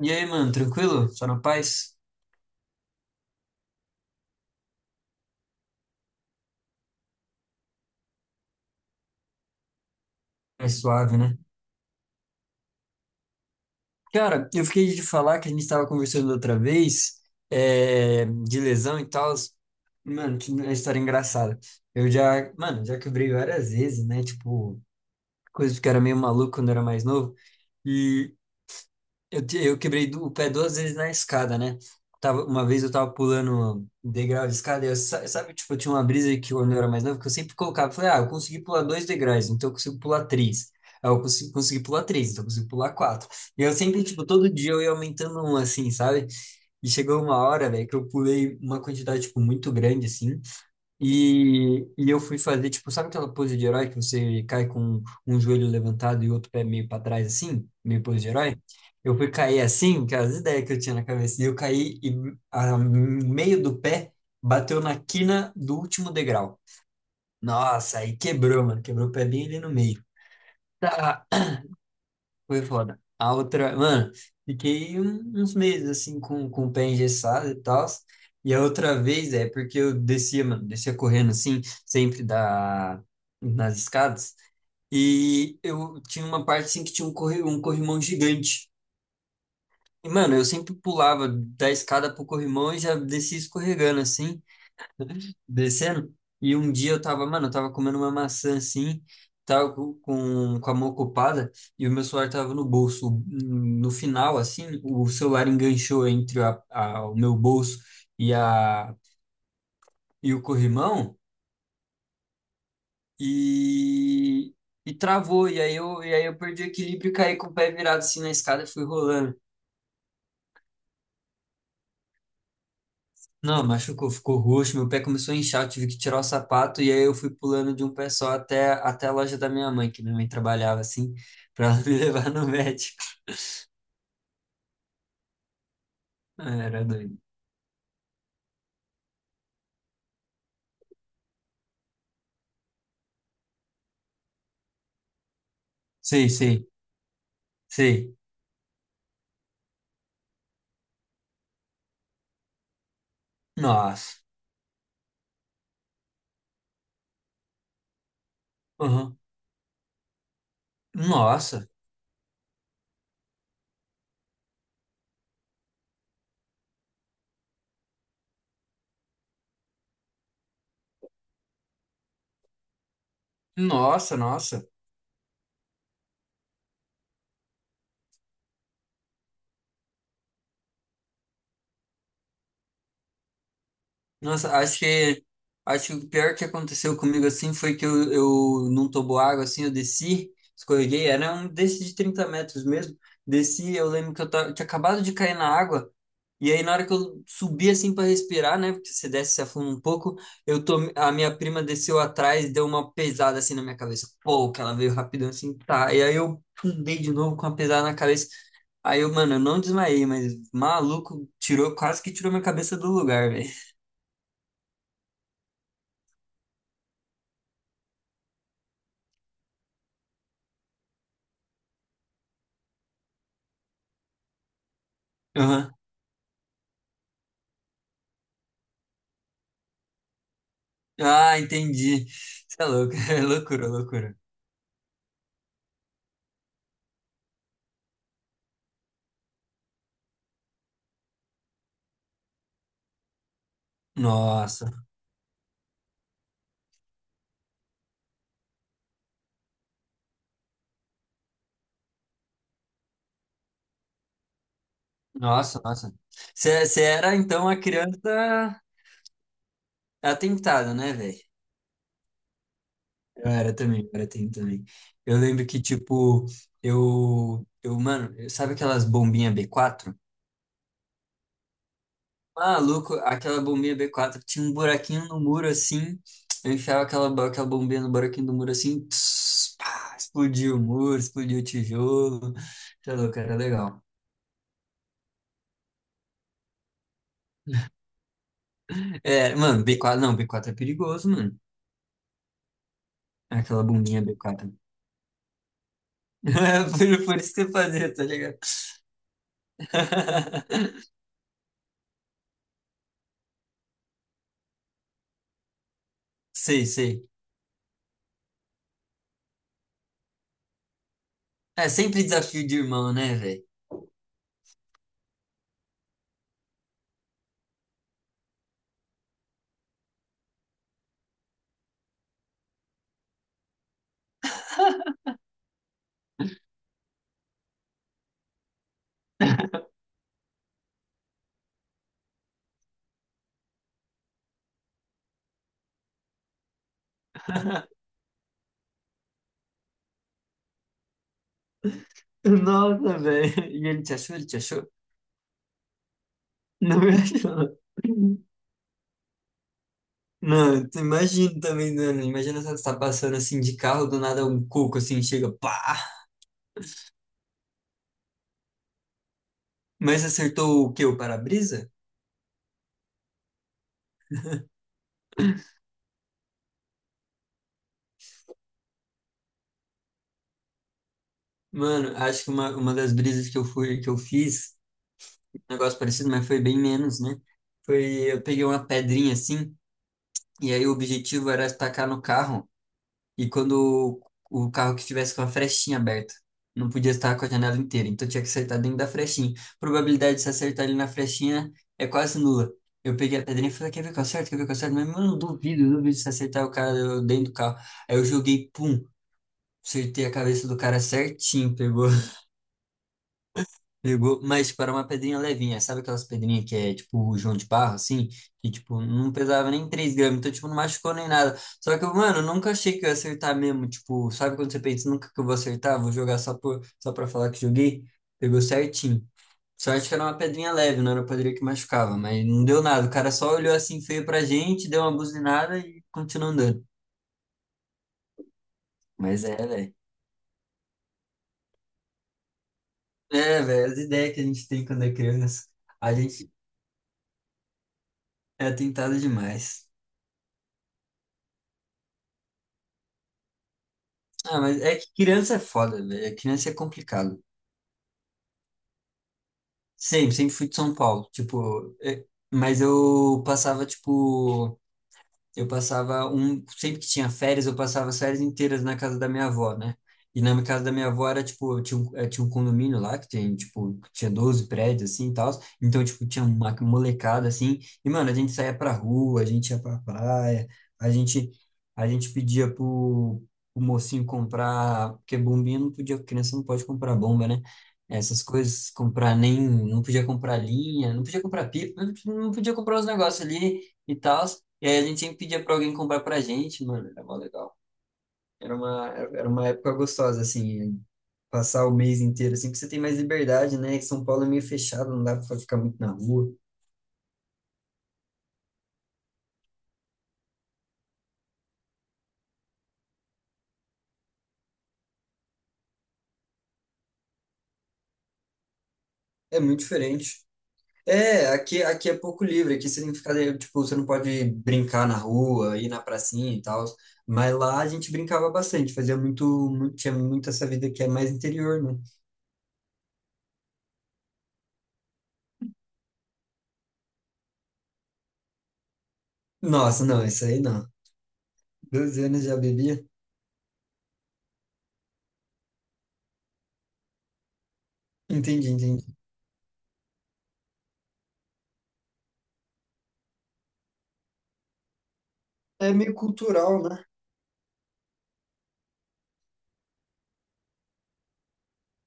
E aí, mano, tranquilo? Só na paz? É suave, né? Cara, eu fiquei de falar que a gente estava conversando outra vez, de lesão e tal. Mano, que é história engraçada. Eu já, mano, já quebrei várias vezes, né? Tipo, coisas que eu era meio maluco quando eu era mais novo. Eu quebrei o pé duas vezes na escada, né? Tava, uma vez eu tava pulando degrau de escada, e eu, sabe, tipo, eu tinha uma brisa que quando eu era mais novo, que eu sempre colocava, falei, ah, eu consegui pular dois degraus, então eu consigo pular três. Aí eu consegui pular três, então eu consigo pular quatro. E eu sempre, tipo, todo dia eu ia aumentando um, assim, sabe? E chegou uma hora, velho, que eu pulei uma quantidade, tipo, muito grande, assim, e eu fui fazer, tipo, sabe aquela pose de herói que você cai com um joelho levantado e outro pé meio para trás, assim? Meio pose de herói? Eu fui cair assim, que era as ideias que eu tinha na cabeça. E eu caí e a meio do pé bateu na quina do último degrau. Nossa, aí quebrou, mano. Quebrou o pé bem ali no meio. Tá, foi foda. A outra, mano, fiquei uns meses assim com o pé engessado e tal. E a outra vez é porque eu descia, mano, descia correndo assim, sempre nas escadas. E eu tinha uma parte assim que tinha um corrimão gigante. E, mano, eu sempre pulava da escada pro corrimão e já descia escorregando assim descendo. E um dia eu tava, mano, eu tava comendo uma maçã assim, tava com a mão ocupada e o meu celular tava no bolso. No final, assim, o celular enganchou entre o meu bolso e, a, e o corrimão e, e travou. E aí, e aí eu perdi o equilíbrio e caí com o pé virado assim na escada e fui rolando. Não, machucou, ficou roxo, meu pé começou a inchar, eu tive que tirar o sapato e aí eu fui pulando de um pé só até a loja da minha mãe, que minha mãe trabalhava assim, pra ela me levar no médico. Ah, era doido. Sei, sei, sei. Nossa. Uhum. Nossa. Nossa, nossa. Nossa, acho que o pior que aconteceu comigo assim foi que eu num toboágua assim, eu desci, escorreguei, era um desses de 30 metros mesmo. Desci, eu lembro que eu tinha acabado de cair na água. E aí, na hora que eu subi assim para respirar, né? Porque você desce, e se afunda um pouco, a minha prima desceu atrás e deu uma pesada assim na minha cabeça. Pô, que ela veio rapidão assim, tá. E aí eu fundei de novo com uma pesada na cabeça. Aí eu, mano, eu não desmaiei, mas maluco, quase que tirou minha cabeça do lugar, velho. Aham. Ah, entendi. Você é louco, é loucura, loucura. Nossa, nossa, nossa. Você era então a criança atentada, né, velho? Eu era também, eu era tem também. Eu lembro que, tipo, eu, mano, sabe aquelas bombinhas B4? Maluco, aquela bombinha B4 tinha um buraquinho no muro assim. Eu enfiava aquela, aquela bombinha no buraquinho do muro assim, tss, pá, explodiu o muro, explodiu o tijolo. Tá louco, era legal. É, mano, B4, não, B4 é perigoso, mano. Aquela bombinha B4. Por isso que eu fazia, tá ligado? Sei, sei. É sempre desafio de irmão, né, velho? Nossa, velho. E ele te achou? Ele te achou? Não me achou. Não, tu imagina também, mano. Imagina você tá passando assim de carro, do nada um coco assim chega, pá! Mas acertou o quê? O para-brisa? Mano, acho que uma das brisas que eu fiz, um negócio parecido, mas foi bem menos, né? Foi, eu peguei uma pedrinha assim, e aí o objetivo era tacar no carro. E quando o carro que estivesse com a frestinha aberta, não podia estar com a janela inteira, então tinha que acertar dentro da frestinha. Probabilidade de se acertar ali na frestinha é quase nula. Eu peguei a pedrinha e falei, quer ver que eu acerto, quer ver que eu acerto? Mas, mano, duvido se acertar o cara dentro do carro. Aí eu joguei, pum, acertei a cabeça do cara certinho, pegou pegou, mas para uma pedrinha levinha, sabe aquelas pedrinhas que é tipo João de barro, assim? Que tipo, não pesava nem 3 gramas, então tipo, não machucou nem nada. Só que, mano, eu nunca achei que eu ia acertar mesmo, tipo, sabe quando você pensa, nunca que eu vou acertar, vou jogar só, só pra falar que joguei? Pegou certinho. Sorte que era uma pedrinha leve, não era uma pedrinha que machucava, mas não deu nada. O cara só olhou assim feio pra gente, deu uma buzinada e continuou andando. Mas é, velho. É, velho, as ideias que a gente tem quando é criança, a gente é tentado demais. Ah, mas é que criança é foda, velho. Criança é complicado. Sempre, sempre fui de São Paulo. Tipo, mas eu passava, tipo. Sempre que tinha férias, eu passava as férias inteiras na casa da minha avó, né? E na casa da minha avó era, tipo, tinha um condomínio lá que tem, tipo, tinha 12 prédios, assim, e tal. Então, tipo, tinha uma molecada, assim. E, mano, a gente saía pra rua, a gente ia pra praia, a gente, a gente pedia pro mocinho comprar, porque bombinha não podia, criança não pode comprar bomba, né? Essas coisas, comprar nem, não podia comprar linha, não podia comprar pipa, não podia comprar os negócios ali e tal. E aí a gente sempre pedia pra alguém comprar pra gente, mano, era mó legal. Era uma época gostosa, assim, passar o mês inteiro, assim, que você tem mais liberdade, né? São Paulo é meio fechado, não dá pra ficar muito na rua. É muito diferente. É, aqui é pouco livre, aqui você tem que ficar, tipo, você não pode brincar na rua, ir na pracinha e tal, mas lá a gente brincava bastante, fazia muito, muito, tinha muito essa vida que é mais interior, né? Nossa, não, isso aí não. 12 anos já bebia? Entendi, entendi. É meio cultural, né?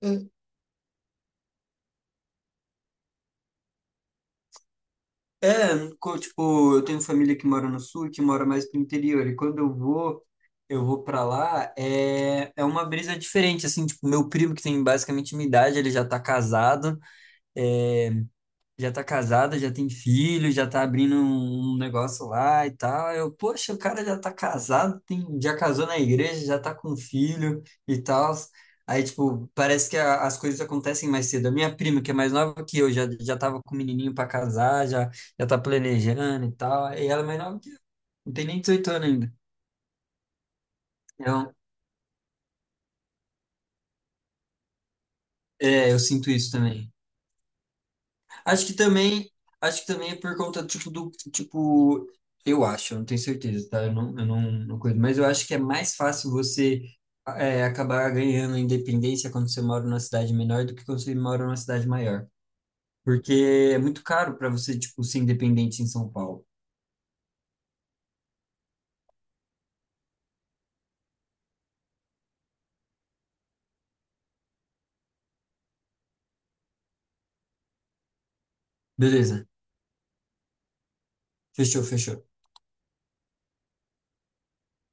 É. É, tipo, eu tenho família que mora no sul, que mora mais pro interior, e quando eu vou pra lá, é uma brisa diferente, assim, tipo, meu primo, que tem basicamente minha idade, ele já tá casado, é, já tá casada, já tem filho, já tá abrindo um negócio lá e tal. Eu, poxa, o cara já tá casado, tem, já casou na igreja, já tá com filho e tal. Aí, tipo, parece que as coisas acontecem mais cedo. A minha prima, que é mais nova que eu, já tava com o menininho pra casar, já tá planejando e tal. E ela é mais nova que eu, não tem nem 18 anos ainda. Então, eu sinto isso também. Acho que também, acho que também é por conta, tipo, do, tipo, eu acho, eu não tenho certeza, tá? Eu não, não cuido, mas eu acho que é mais fácil você acabar ganhando independência quando você mora numa cidade menor do que quando você mora numa cidade maior. Porque é muito caro para você, tipo, ser independente em São Paulo. Beleza, fechou, fechou.